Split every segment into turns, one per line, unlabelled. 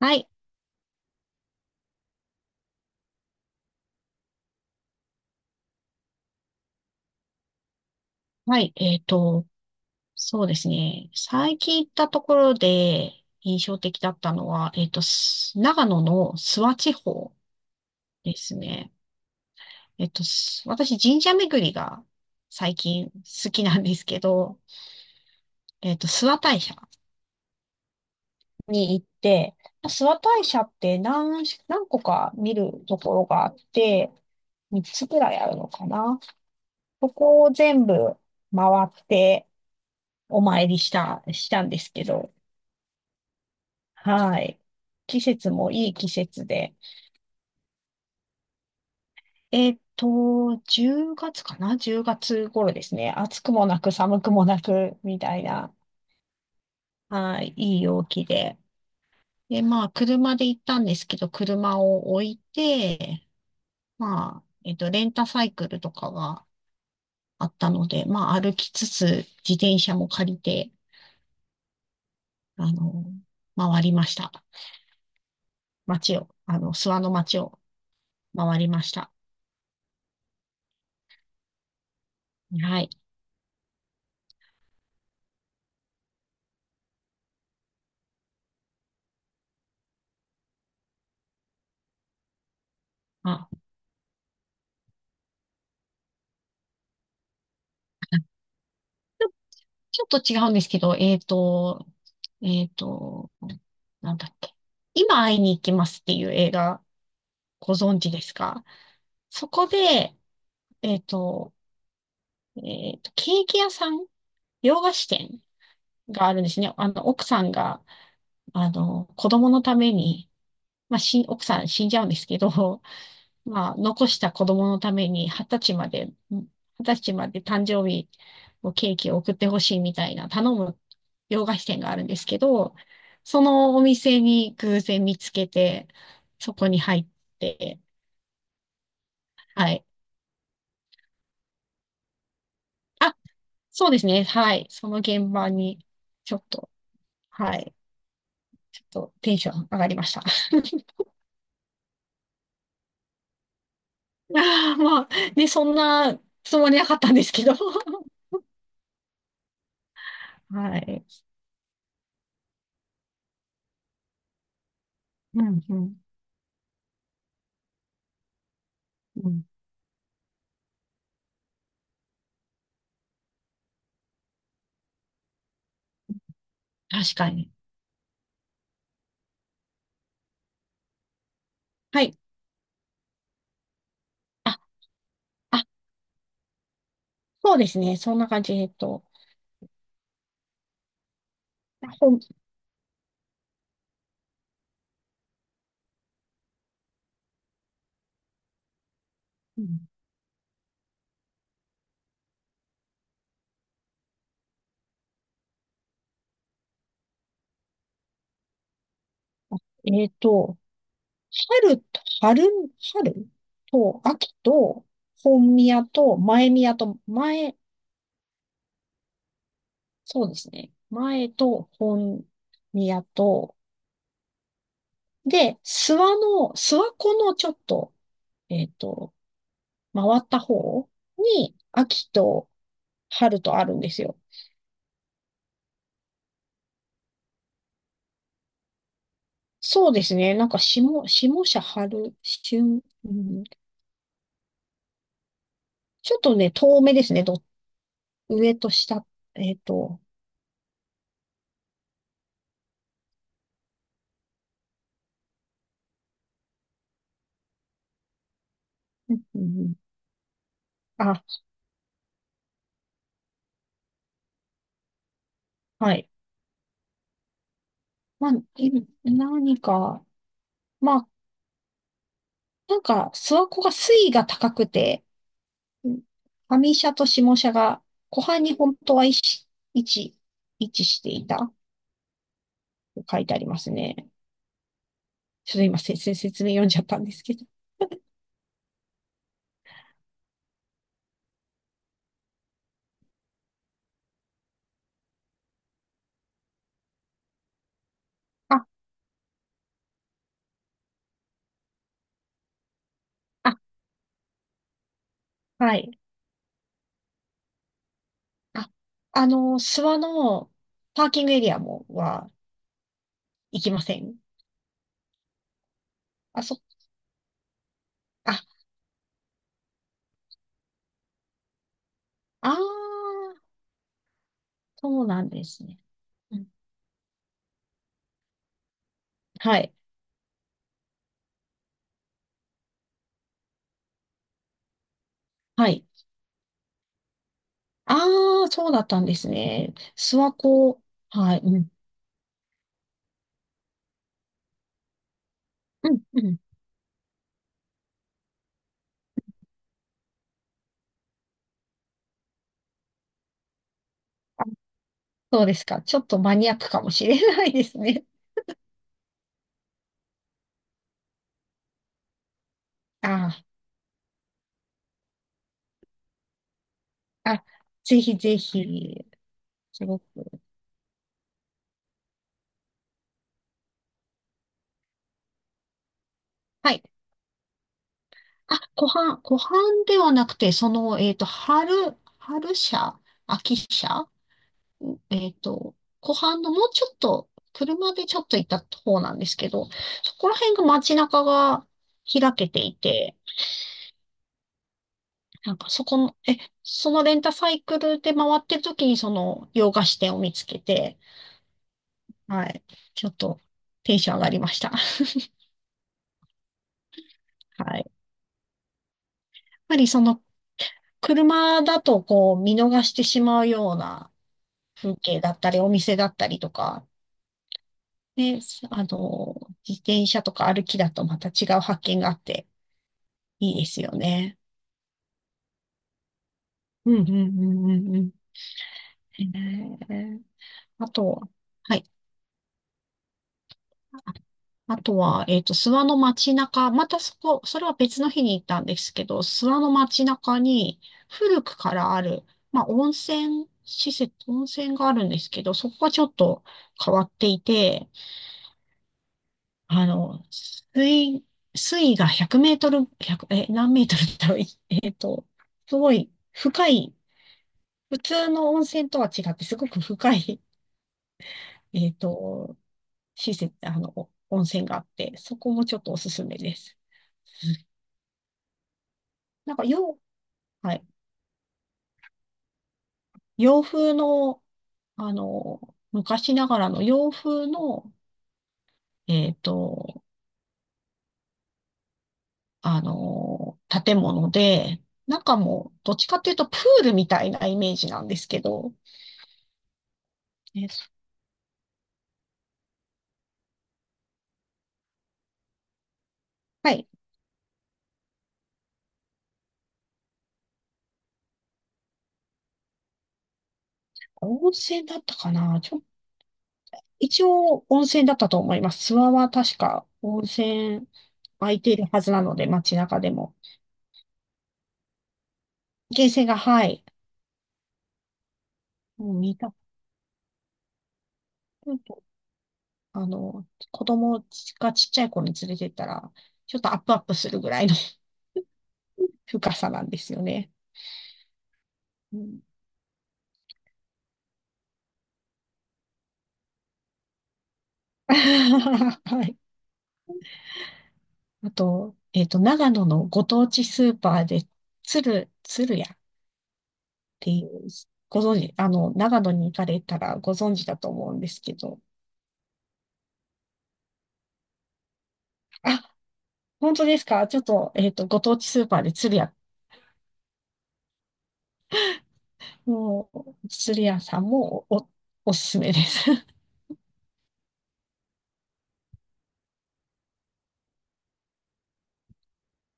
はい。はい。そうですね。最近行ったところで印象的だったのは、長野の諏訪地方ですね。私、神社巡りが最近好きなんですけど、諏訪大社に行って、諏訪大社って何個か見るところがあって、3つくらいあるのかな。そこを全部回ってお参りしたんですけど、はい。季節もいい季節で。えっと、10月かな？ 10 月頃ですね。暑くもなく寒くもなく、みたいな、はい、いい陽気で。で、まあ、車で行ったんですけど、車を置いて、まあ、レンタサイクルとかがあったので、まあ、歩きつつ、自転車も借りて、あの、回りました。街を、あの、諏訪の街を回りました。はい。あちょっと違うんですけど、えっと、なんだっけ。今会いに行きますっていう映画、ご存知ですか？そこで、えっと、ケーキ屋さん、洋菓子店があるんですね。奥さんが、子供のために、奥さん死んじゃうんですけど、まあ、残した子供のために、二十歳まで誕生日のケーキを送ってほしいみたいな頼む洋菓子店があるんですけど、そのお店に偶然見つけて、そこに入って、はい。あ、そうですね。はい。その現場に、ちょっと、はい。ちょっとテンション上がりました。いやー、まあ、ね、そんなつもりなかったんですけど。はい。うん、うん、うん。確かに。はい。あ、あ、そうですね。そんな感じ。えっと、ほん、うんえっと、春と、春、春と、秋と、本宮と、前宮と、そうですね。前と、本宮と、で、諏訪湖のちょっと、えっと、回った方に、秋と、春とあるんですよ。そうですね。下社春、春、うん、ちょっとね、遠目ですね。上と下、えっと、うんうん、あ、はい。まあ、い何か、まあ、なんか、諏訪湖が水位が高くて、うん上社と下社が湖畔に本当は位置位置していたと書いてありますね。ちょっと今、説明読んじゃったんですけど。あ、あ、はい。あ、諏訪のパーキングエリアも、行きません。あ、そ、あ、あー、そうなんですね。うん、はい、はい。あー、そうだったんですね。諏訪湖、はい、うん、うん、うん。あ、そうですか。ちょっとマニアックかもしれないですね。あー、あ、ぜひぜひ、すごく。はい。あ、湖畔ではなくて、その、春社、秋社、えっと、湖畔のもうちょっと、車でちょっと行った方なんですけど、そこら辺が街中が開けていて、なんかそこの、え、そのレンタサイクルで回ってる時にその洋菓子店を見つけて、はい、ちょっとテンション上がりました。はい。やっぱりその車だとこう見逃してしまうような風景だったり、お店だったりとか、ね、あの、自転車とか歩きだとまた違う発見があっていいですよね。うんうんうんうんうん。えー、あとは、はい。ああとは、諏訪の街中、またそこ、それは別の日に行ったんですけど、諏訪の街中に古くからある、まあ、温泉があるんですけど、そこがちょっと変わっていて、あの、水、水位が100メートル、1え、何メートルだろう、えっと、すごい深い、普通の温泉とは違って、すごく深い、えっと、施設、お温泉があって、そこもちょっとおすすめです。なんか洋、はい、洋風の、あの、昔ながらの洋風の、えっと、建物で、中も、どっちかっていうとプールみたいなイメージなんですけど、えそはい、温泉だったかな。一応温泉だったと思います。諏訪は確か温泉空いているはずなので、街中でも。源泉が、はい、もう見たこと子供が、ちっちゃい子に連れてったら、ちょっとアップアップするぐらいの 深さなんですよね。うん はい。あと、長野のご当地スーパーで、鶴屋っていう、ご存知、長野に行かれたらご存知だと思うんですけど、あ、本当ですか？ちょっと、ご当地スーパーで鶴屋、もう、鶴屋さんもおすすめです。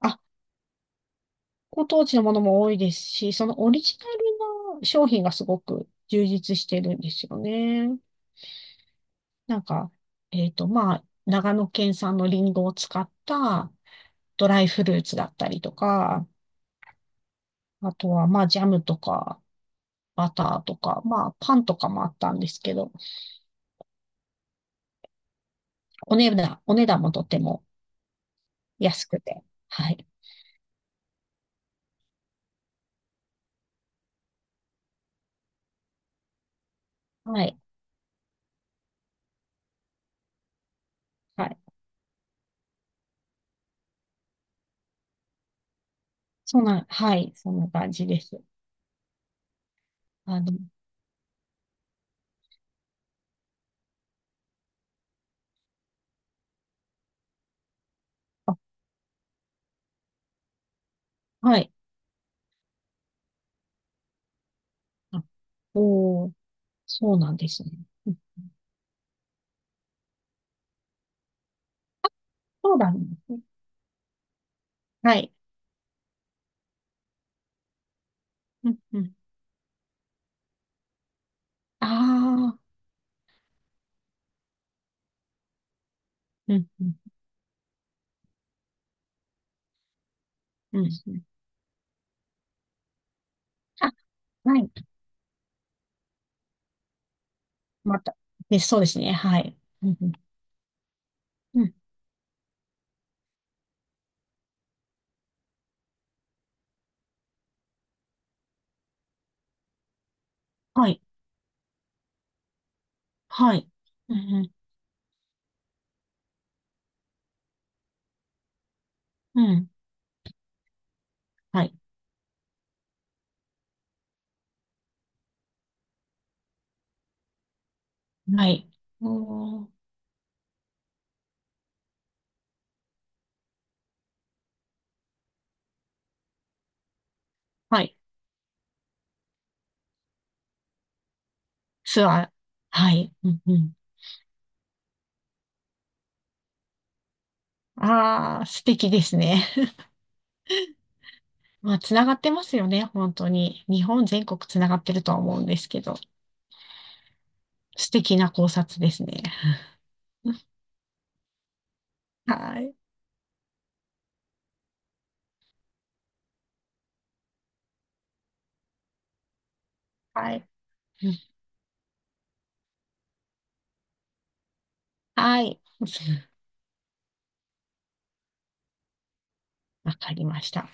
あ、ご当地のものも多いですし、そのオリジナルの商品がすごく充実してるんですよね。なんか、まあ、長野県産のリンゴを使ったドライフルーツだったりとか、あとは、まあ、ジャムとか、バターとか、まあ、パンとかもあったんですけど、お値段もとても安くて、はい。はい。はい。そんな、はい。そんな感じです。あの、あ、はい。あ、おー、そうなんですね。そうなんですね。はい。うんうん。ああ、うんうん、うん、うん。あ、はい。また。で、そうですね。はい。うん、うん、うん。はい。はい。うん、うん、うん。はい。はい。おー、はい。ツアー。はい。うん、うん。ああ、素敵ですね。まあ、つながってますよね。本当に。日本全国つながってるとは思うんですけど。素敵な考察ですね。はい。はい。うん、はい。わかりました。